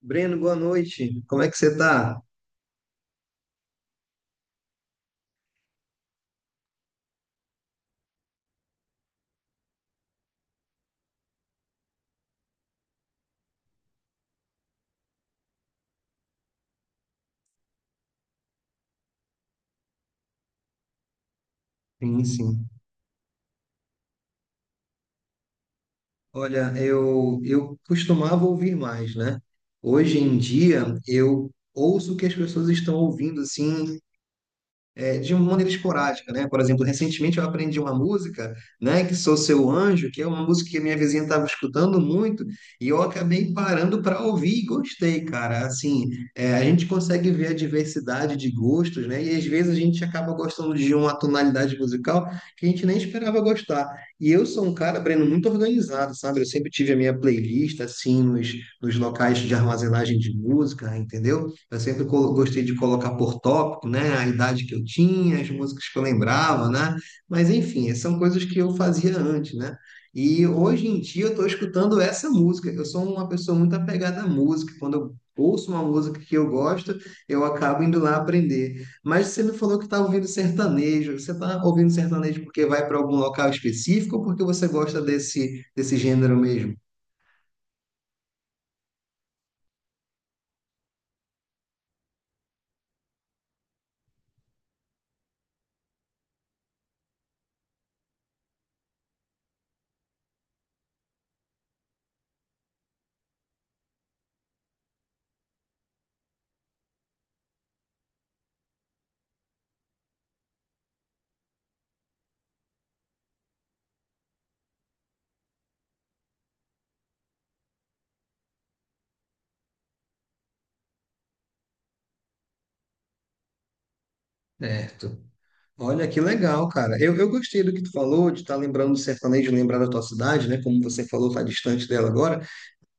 Breno, boa noite. Como é que você tá? Sim, sim. Olha, eu costumava ouvir mais, né? Hoje em dia, eu ouço o que as pessoas estão ouvindo, assim, de uma maneira esporádica, né? Por exemplo, recentemente eu aprendi uma música, né, que Sou Seu Anjo, que é uma música que a minha vizinha estava escutando muito, e eu acabei parando para ouvir e gostei, cara. Assim, é, a gente consegue ver a diversidade de gostos, né? E às vezes a gente acaba gostando de uma tonalidade musical que a gente nem esperava gostar. E eu sou um cara, Breno, muito organizado, sabe? Eu sempre tive a minha playlist, assim, nos locais de armazenagem de música, entendeu? Eu sempre gostei de colocar por tópico, né? A idade que eu tinha, as músicas que eu lembrava, né? Mas enfim, são coisas que eu fazia antes, né? E hoje em dia eu estou escutando essa música. Eu sou uma pessoa muito apegada à música. Quando eu ouço uma música que eu gosto, eu acabo indo lá aprender. Mas você me falou que está ouvindo sertanejo. Você está ouvindo sertanejo porque vai para algum local específico ou porque você gosta desse gênero mesmo? Certo. Olha que legal, cara. Eu gostei do que tu falou, de estar lembrando do sertanejo, lembrar da tua cidade, né? Como você falou, tá distante dela agora.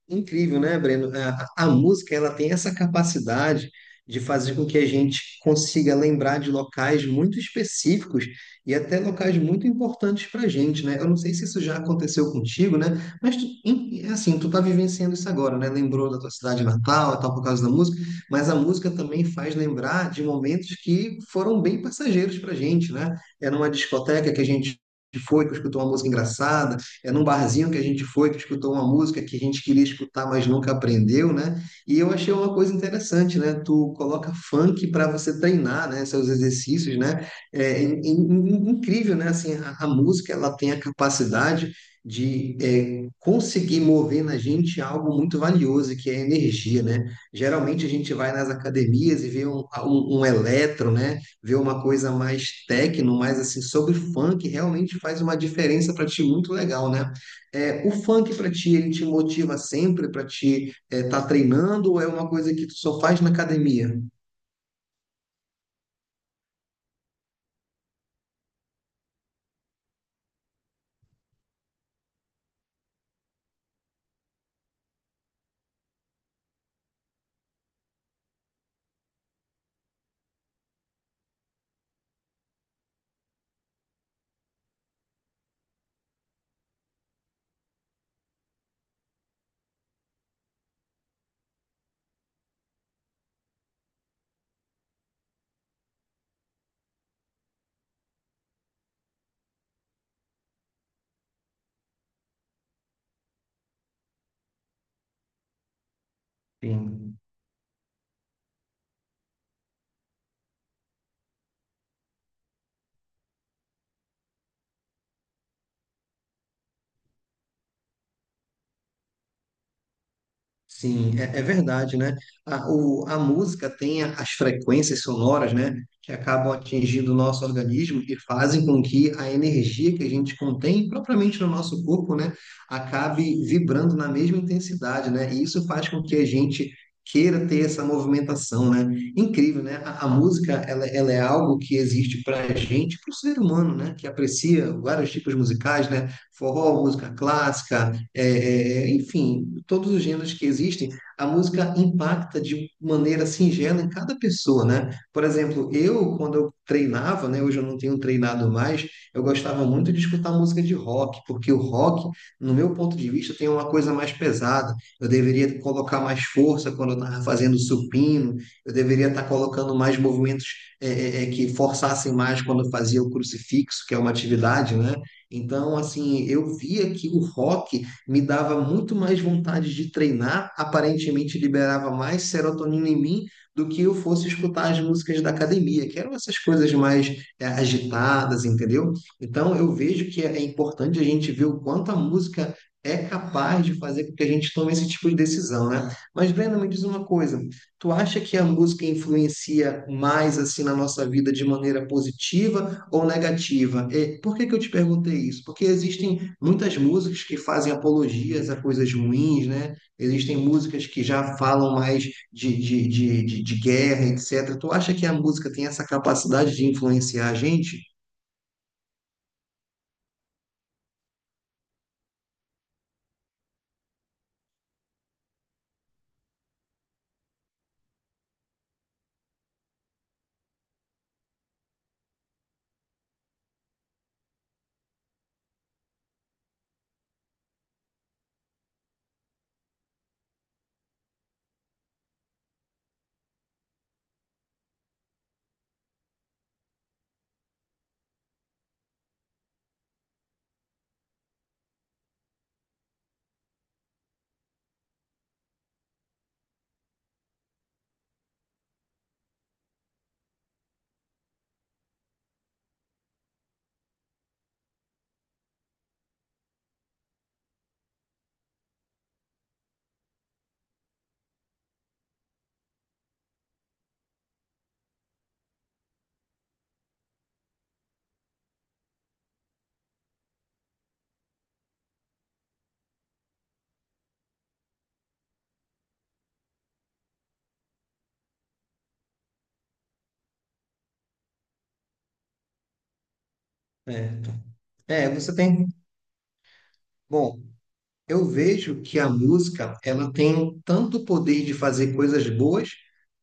Incrível, né, Breno? A música ela tem essa capacidade de fazer com que a gente consiga lembrar de locais muito específicos e até locais muito importantes para a gente, né? Eu não sei se isso já aconteceu contigo, né? Mas tu, é assim, tu tá vivenciando isso agora, né? Lembrou da tua cidade natal, e tal, por causa da música, mas a música também faz lembrar de momentos que foram bem passageiros para a gente, né? Era uma discoteca que a gente foi, que escutou uma música engraçada num barzinho que a gente foi, que escutou uma música que a gente queria escutar, mas nunca aprendeu, né? E eu achei uma coisa interessante, né? Tu coloca funk para você treinar, né? Seus exercícios, né? É, incrível, né? Assim, a música, ela tem a capacidade de conseguir mover na gente algo muito valioso, que é a energia, né? Geralmente a gente vai nas academias e vê um, um, um eletro, né? Ver uma coisa mais techno, mais assim, sobre funk, realmente faz uma diferença para ti muito legal, né? É, o funk para ti, ele te motiva sempre para ti estar treinando ou é uma coisa que tu só faz na academia? Sim. Sim, é, é verdade, né? A música tem as frequências sonoras, né, que acabam atingindo o nosso organismo e fazem com que a energia que a gente contém propriamente no nosso corpo, né, acabe vibrando na mesma intensidade, né? E isso faz com que a gente queira ter essa movimentação, né? Incrível, né? A música, ela é algo que existe para a gente, para o ser humano, né, que aprecia vários tipos musicais, né? Forró, música clássica enfim, todos os gêneros que existem, a música impacta de maneira singela em cada pessoa, né? Por exemplo, eu, quando eu treinava, né, hoje eu não tenho treinado mais, eu gostava muito de escutar música de rock, porque o rock, no meu ponto de vista, tem uma coisa mais pesada. Eu deveria colocar mais força quando eu estava fazendo supino, eu deveria estar colocando mais movimentos que forçassem mais quando eu fazia o crucifixo, que é uma atividade, né? Então, assim, eu via que o rock me dava muito mais vontade de treinar, aparentemente liberava mais serotonina em mim do que eu fosse escutar as músicas da academia, que eram essas coisas mais agitadas, entendeu? Então eu vejo que é importante a gente ver o quanto a música é capaz de fazer com que a gente tome esse tipo de decisão, né? Mas Brenda, me diz uma coisa, tu acha que a música influencia mais assim na nossa vida de maneira positiva ou negativa? E por que que eu te perguntei isso? Porque existem muitas músicas que fazem apologias a coisas ruins, né? Existem músicas que já falam mais de guerra, etc. Tu acha que a música tem essa capacidade de influenciar a gente? É, é, você tem. Bom, eu vejo que a música, ela tem tanto poder de fazer coisas boas,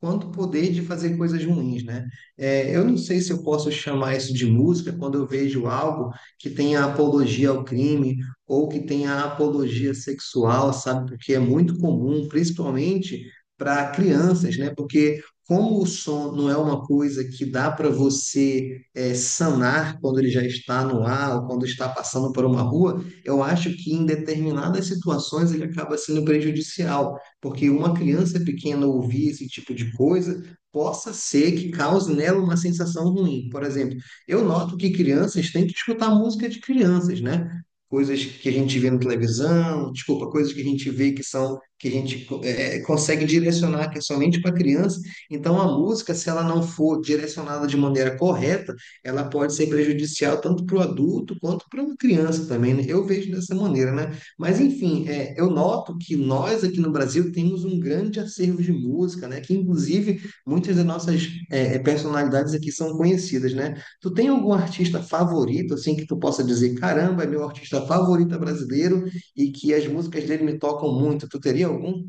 quanto poder de fazer coisas ruins, né? É, eu não sei se eu posso chamar isso de música quando eu vejo algo que tenha apologia ao crime ou que tenha apologia sexual, sabe? Porque é muito comum, principalmente para crianças, né? Porque como o som não é uma coisa que dá para você sanar quando ele já está no ar ou quando está passando por uma rua, eu acho que em determinadas situações ele acaba sendo prejudicial, porque uma criança pequena ouvir esse tipo de coisa possa ser que cause nela uma sensação ruim. Por exemplo, eu noto que crianças têm que escutar música de crianças, né? Coisas que a gente vê na televisão, desculpa, coisas que a gente vê que são que a gente consegue direcionar que é somente para criança. Então a música, se ela não for direcionada de maneira correta, ela pode ser prejudicial tanto para o adulto quanto para uma criança também, né? Eu vejo dessa maneira, né? Mas, enfim, é, eu noto que nós aqui no Brasil temos um grande acervo de música, né? Que, inclusive, muitas das nossas personalidades aqui são conhecidas, né? Tu tem algum artista favorito, assim, que tu possa dizer, caramba, é meu artista favorito brasileiro e que as músicas dele me tocam muito? Tu teria algum?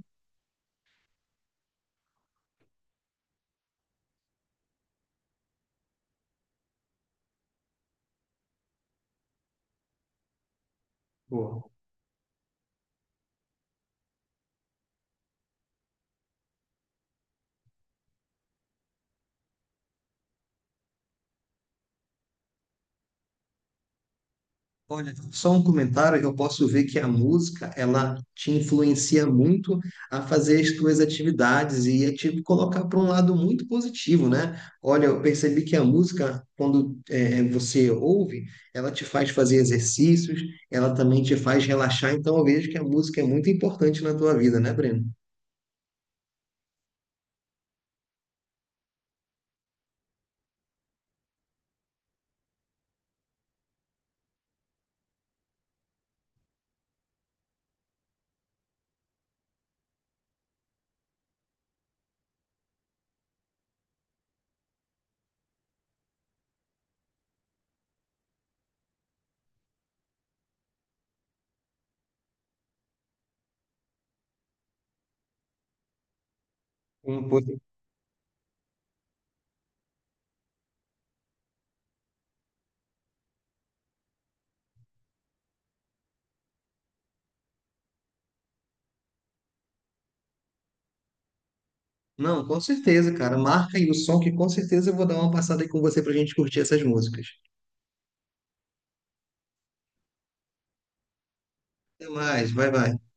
Olha, só um comentário, eu posso ver que a música, ela te influencia muito a fazer as tuas atividades e a te colocar para um lado muito positivo, né? Olha, eu percebi que a música, quando você ouve, ela te faz fazer exercícios, ela também te faz relaxar, então eu vejo que a música é muito importante na tua vida, né, Breno? Um pouco. Não, com certeza, cara. Marca aí o som que com certeza eu vou dar uma passada aí com você para a gente curtir essas músicas. Até mais, vai.